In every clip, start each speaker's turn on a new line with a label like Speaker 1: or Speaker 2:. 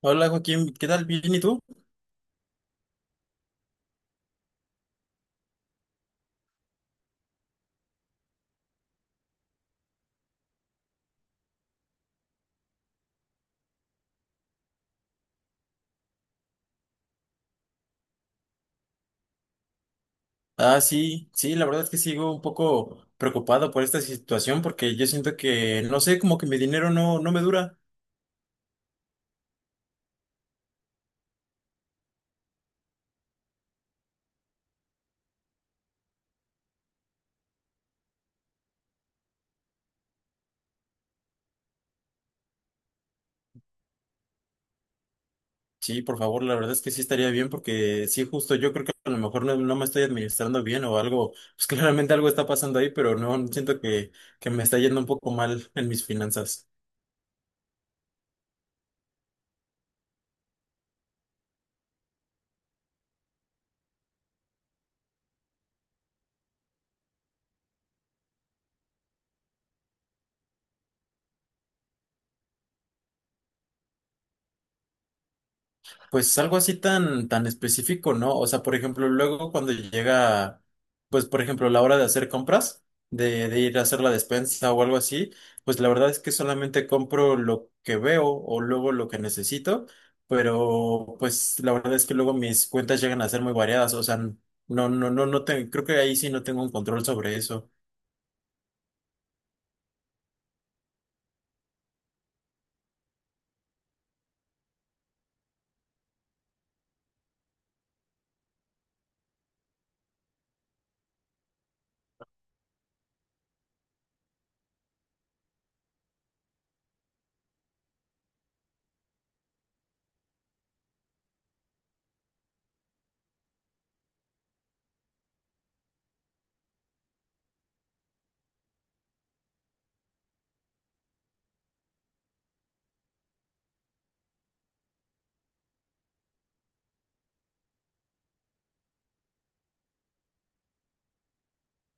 Speaker 1: Hola Joaquín, ¿qué tal? ¿Bien y tú? Ah, sí, sí, la verdad es que sigo un poco preocupado por esta situación porque yo siento que, no sé, como que mi dinero no me dura. Sí, por favor, la verdad es que sí estaría bien porque sí, justo yo creo que a lo mejor no me estoy administrando bien o algo, pues claramente algo está pasando ahí, pero no siento que me está yendo un poco mal en mis finanzas. Pues algo así tan específico, ¿no? O sea, por ejemplo, luego cuando llega, pues por ejemplo, la hora de hacer compras, de ir a hacer la despensa o algo así, pues la verdad es que solamente compro lo que veo o luego lo que necesito, pero pues la verdad es que luego mis cuentas llegan a ser muy variadas, o sea, no, no, no, no te- creo que ahí sí no tengo un control sobre eso.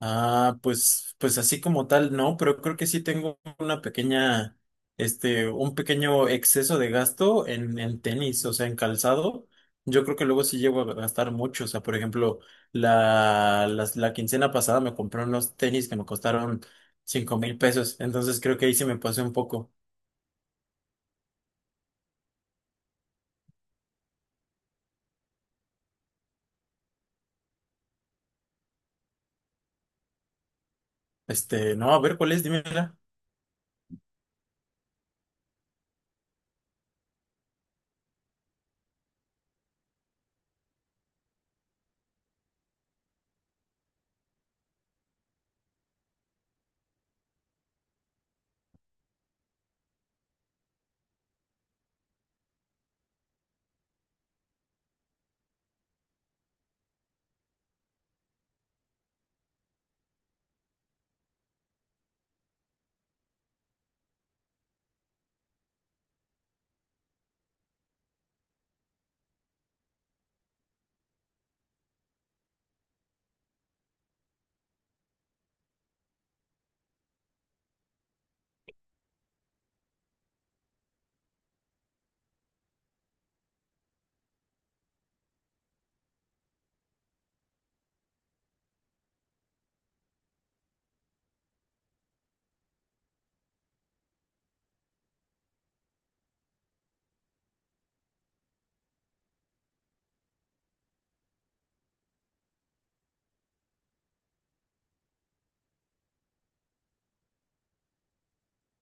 Speaker 1: Ah, pues, pues así como tal, no, pero creo que sí tengo una pequeña, un pequeño exceso de gasto en tenis, o sea, en calzado. Yo creo que luego sí llego a gastar mucho. O sea, por ejemplo, la quincena pasada me compré unos tenis que me costaron 5000 pesos. Entonces creo que ahí sí me pasé un poco. No, a ver, ¿cuál es? Dímela.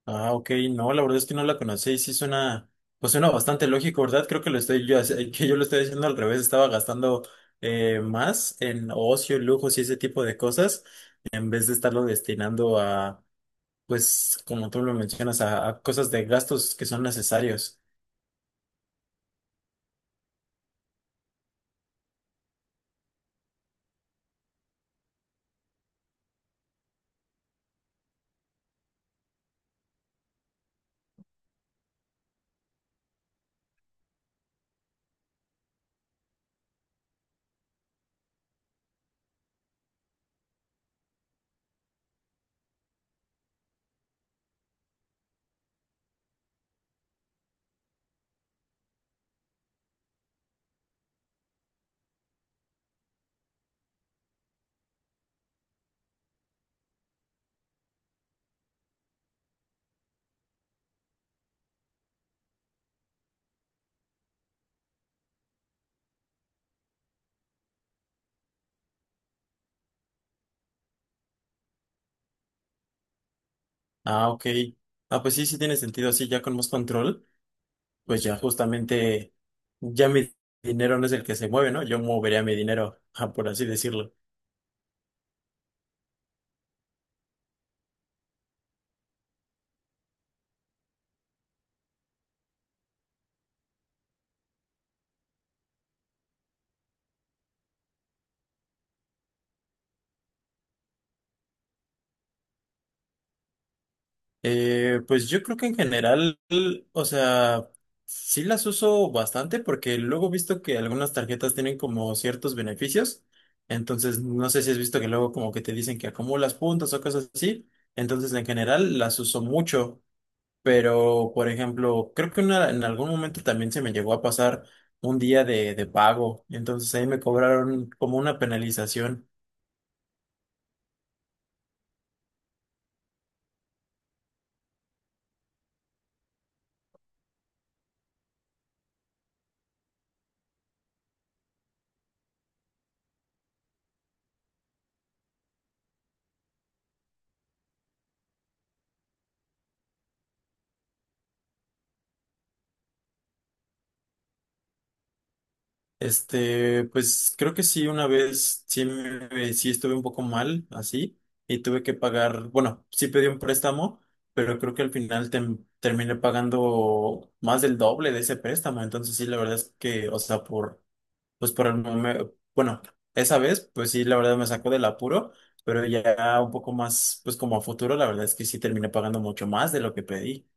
Speaker 1: Ah, ok, no, la verdad es que no la conocí y sí suena, pues suena bastante lógico, ¿verdad? Creo que lo estoy yo, que yo lo estoy haciendo al revés, estaba gastando más en ocio, lujos y ese tipo de cosas, en vez de estarlo destinando a, pues, como tú lo mencionas, a cosas de gastos que son necesarios. Ah, ok. Ah, pues sí, sí tiene sentido, así ya con más control, pues ya justamente, ya mi dinero no es el que se mueve, ¿no? Yo movería mi dinero, ah, por así decirlo. Pues yo creo que en general, o sea, sí las uso bastante porque luego he visto que algunas tarjetas tienen como ciertos beneficios. Entonces, no sé si has visto que luego como que te dicen que acumulas puntos o cosas así. Entonces, en general las uso mucho. Pero, por ejemplo, creo que en algún momento también se me llegó a pasar un día de pago. Entonces ahí me cobraron como una penalización. Pues creo que sí, una vez sí, sí estuve un poco mal así y tuve que pagar, bueno, sí pedí un préstamo, pero creo que al final terminé pagando más del doble de ese préstamo, entonces sí, la verdad es que, o sea, por, pues por el momento, bueno, esa vez, pues sí, la verdad me sacó del apuro, pero ya un poco más, pues como a futuro, la verdad es que sí terminé pagando mucho más de lo que pedí.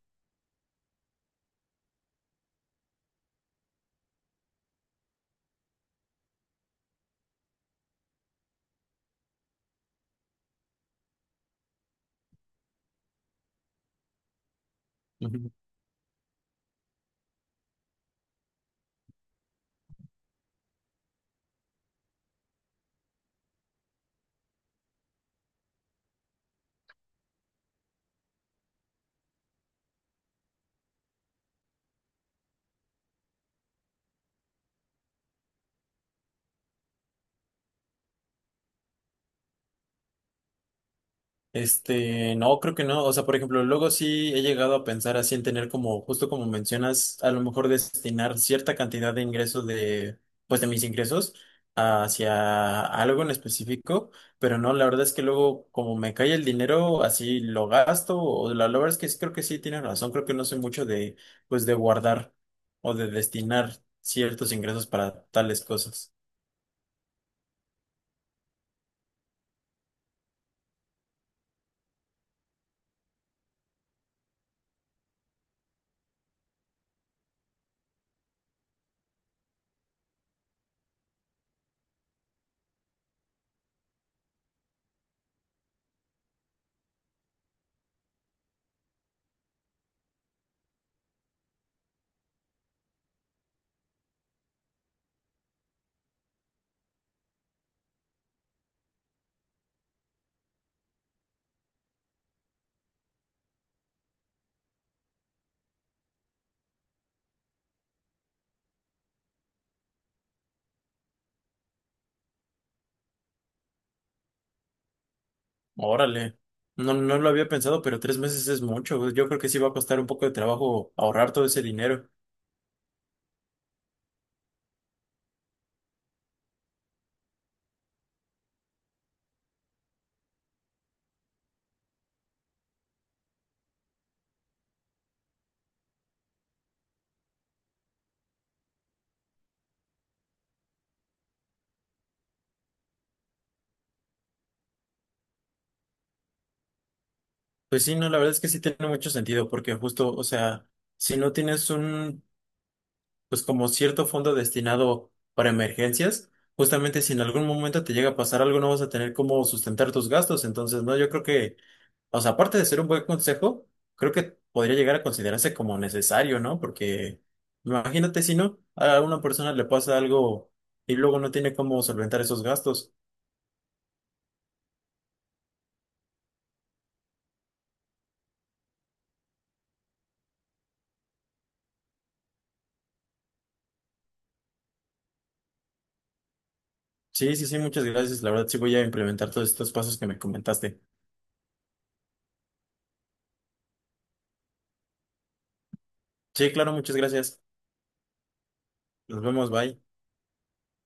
Speaker 1: Ujú. No, creo que no. O sea, por ejemplo, luego sí he llegado a pensar así en tener como, justo como mencionas, a lo mejor destinar cierta cantidad de ingresos de, pues de mis ingresos hacia algo en específico, pero no, la verdad es que luego como me cae el dinero, así lo gasto, o la verdad es que sí, creo que sí tienes razón, creo que no soy mucho de, pues de guardar o de destinar ciertos ingresos para tales cosas. Órale. No, no lo había pensado, pero 3 meses es mucho, güey. Yo creo que sí va a costar un poco de trabajo ahorrar todo ese dinero. Pues sí, no, la verdad es que sí tiene mucho sentido, porque justo, o sea, si no tienes un, pues como cierto fondo destinado para emergencias, justamente si en algún momento te llega a pasar algo, no vas a tener cómo sustentar tus gastos. Entonces, no, yo creo que, o sea, aparte de ser un buen consejo, creo que podría llegar a considerarse como necesario, ¿no? Porque imagínate si no, a una persona le pasa algo y luego no tiene cómo solventar esos gastos. Sí, sí, sí, muchas gracias. La verdad, sí voy a implementar todos estos pasos que me comentaste. Sí, claro, muchas gracias. Nos vemos, bye.